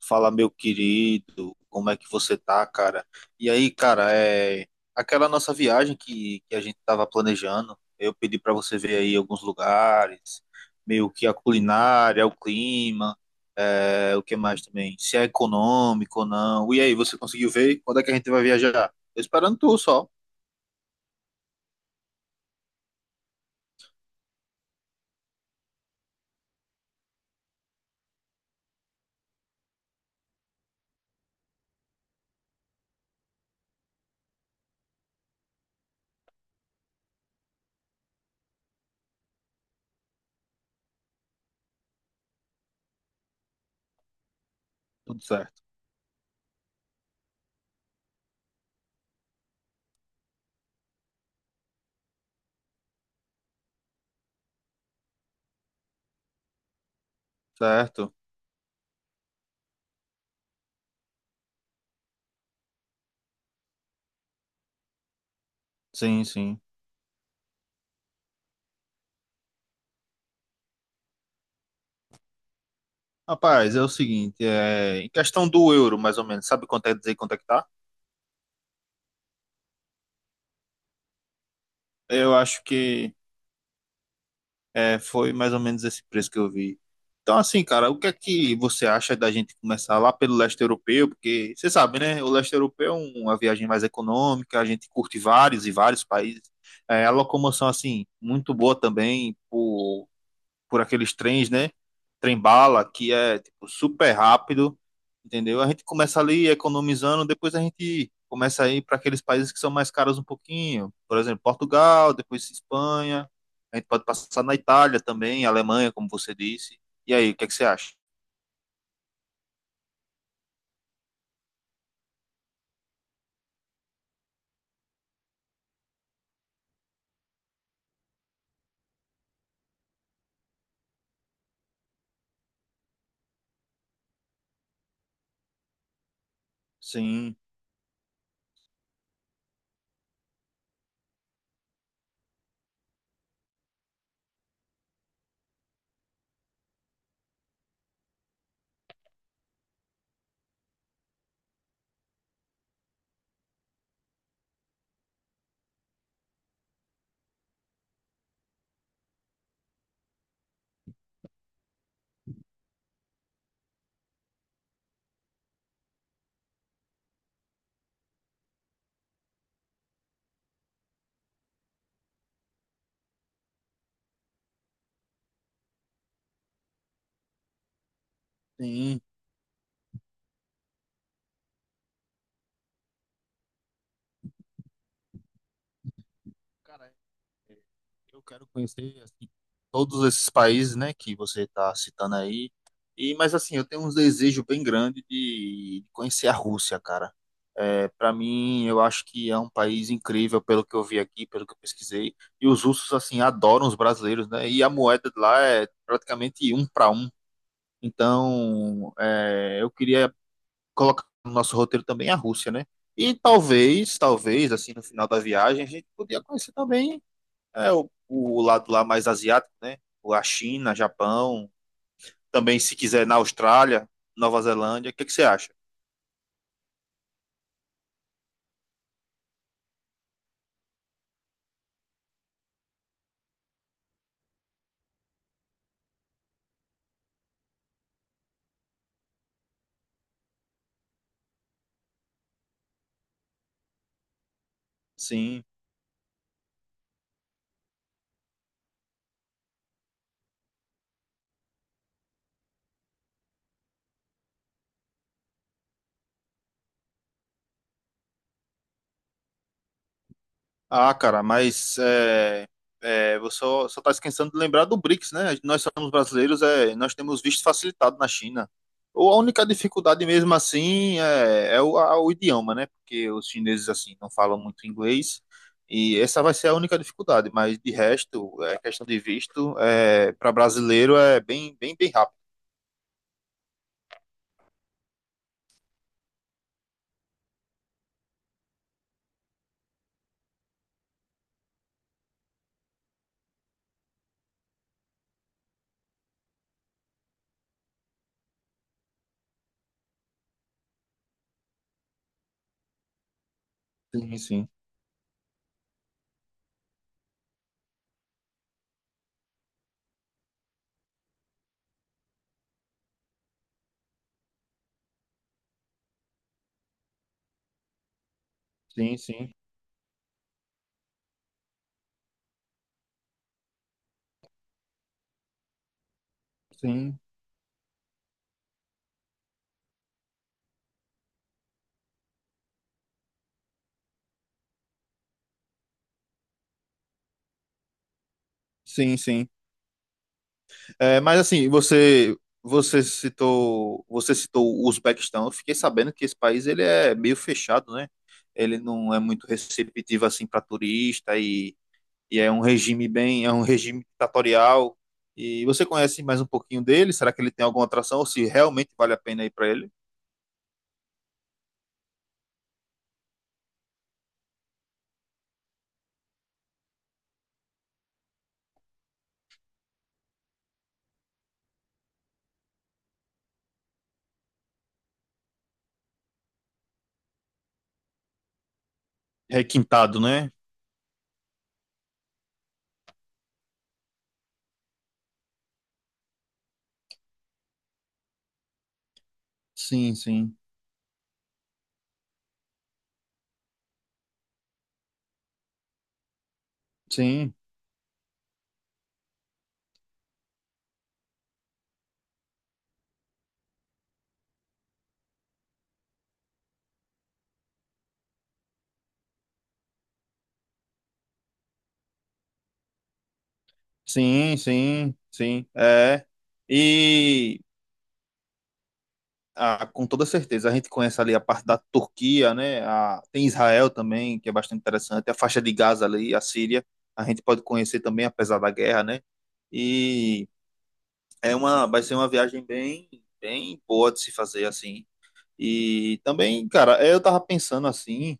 Fala, meu querido, como é que você tá, cara? E aí, cara, aquela nossa viagem que a gente tava planejando. Eu pedi pra você ver aí alguns lugares, meio que a culinária, o clima, o que mais também, se é econômico ou não. E aí, você conseguiu ver? Quando é que a gente vai viajar? Tô esperando tu só. Tudo certo. Certo? Sim, sim. Rapaz, é o seguinte, em questão do euro, mais ou menos, sabe quanto é dizer quanto é que tá? Eu acho que É, foi mais ou menos esse preço que eu vi. Então, assim, cara, o que é que você acha da gente começar lá pelo leste europeu? Porque você sabe, né? O leste europeu é uma viagem mais econômica, a gente curte vários e vários países. É, a locomoção, assim, muito boa também, por aqueles trens, né? Trem-bala, que é tipo, super rápido, entendeu? A gente começa ali economizando, depois a gente começa a ir para aqueles países que são mais caros um pouquinho. Por exemplo, Portugal, depois Espanha. A gente pode passar na Itália também, Alemanha, como você disse. E aí, o que é que você acha? Sim, sim. Cara, eu quero conhecer assim todos esses países, né, que você está citando aí. E mas assim, eu tenho um desejo bem grande de conhecer a Rússia, cara. É, para mim, eu acho que é um país incrível pelo que eu vi aqui, pelo que eu pesquisei. E os russos assim adoram os brasileiros, né? E a moeda de lá é praticamente um para um. Então, é, eu queria colocar no nosso roteiro também a Rússia, né? E talvez, assim, no final da viagem, a gente podia conhecer também o lado lá mais asiático, né? Ou a China, Japão, também se quiser, na Austrália, Nova Zelândia, o que que você acha? Sim. Ah, cara, você só tá esquecendo de lembrar do BRICS, né? Nós somos brasileiros, é, nós temos visto facilitado na China. Ou a única dificuldade mesmo assim o idioma, né? Porque os chineses assim não falam muito inglês e essa vai ser a única dificuldade, mas de resto, é questão de visto, é, para brasileiro é bem rápido. Sim, sim, sim, sim, sim, sim, sim. É, mas assim, você citou o Uzbequistão. Eu fiquei sabendo que esse país, ele é meio fechado, né? Ele não é muito receptivo assim para turista, e é um regime é um regime ditatorial. E você conhece mais um pouquinho dele? Será que ele tem alguma atração ou se realmente vale a pena ir para ele? Requintado, né? Sim, sim, sim, sim, sim, sim. É. E Ah, com toda certeza. A gente conhece ali a parte da Turquia, né? A- tem Israel também, que é bastante interessante. A faixa de Gaza ali, a Síria, a gente pode conhecer também, apesar da guerra, né? E é uma, vai ser uma viagem bem boa de se fazer assim. E também, cara, eu tava pensando assim,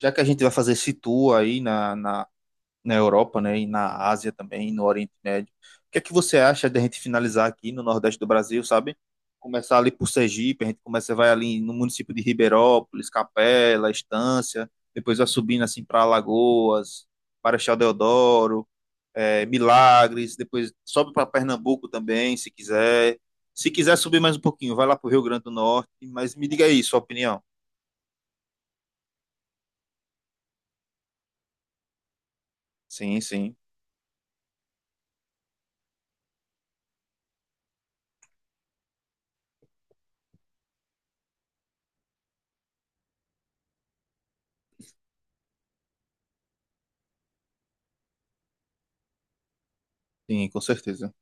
já que a gente vai fazer esse tour aí na Europa, né, e na Ásia também, no Oriente Médio. O que é que você acha de a gente finalizar aqui no Nordeste do Brasil, sabe? Começar ali por Sergipe, a gente começa, vai ali no município de Ribeirópolis, Capela, Estância, depois vai subindo assim para Alagoas, Marechal Deodoro, Milagres, depois sobe para Pernambuco também, se quiser. Se quiser subir mais um pouquinho, vai lá para o Rio Grande do Norte, mas me diga aí sua opinião. Sim, sim, sim, com certeza.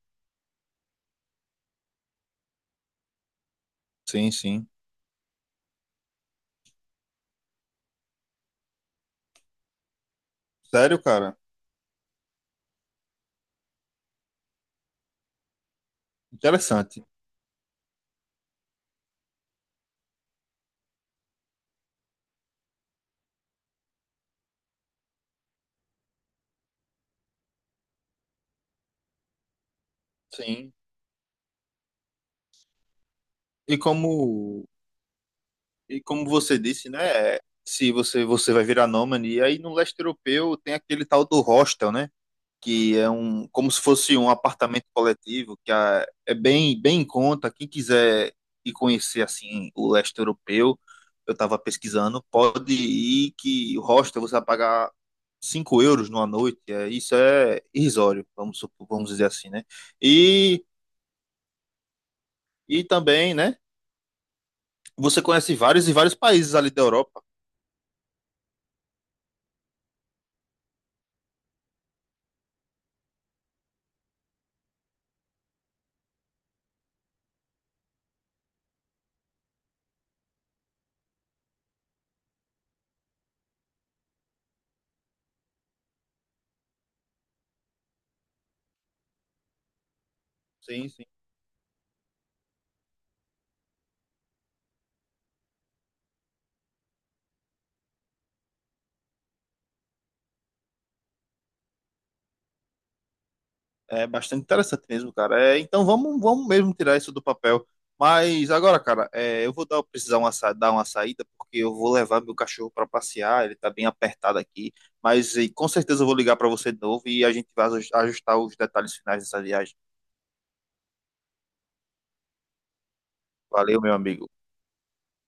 Sim, sim. Sério, cara? Interessante. Sim. E como, e como você disse, né? É, se você vai virar nômade, e aí no leste europeu tem aquele tal do hostel, né? Que é um, como se fosse um apartamento coletivo, que é, é bem em conta. Quem quiser ir conhecer assim o leste europeu, eu estava pesquisando, pode ir que o hostel você vai pagar 5 euros numa noite. É, isso é irrisório, vamos dizer assim, né? E, e também, né? Você conhece vários e vários países ali da Europa. Sim, sim. É bastante interessante mesmo, cara. É, então vamos mesmo tirar isso do papel. Mas agora, cara, é, eu vou dar, precisar uma, sa- dar uma saída, porque eu vou levar meu cachorro para passear, ele tá bem apertado aqui. Mas e, com certeza eu vou ligar para você de novo e a gente vai ajustar os detalhes finais dessa viagem. Valeu, meu amigo.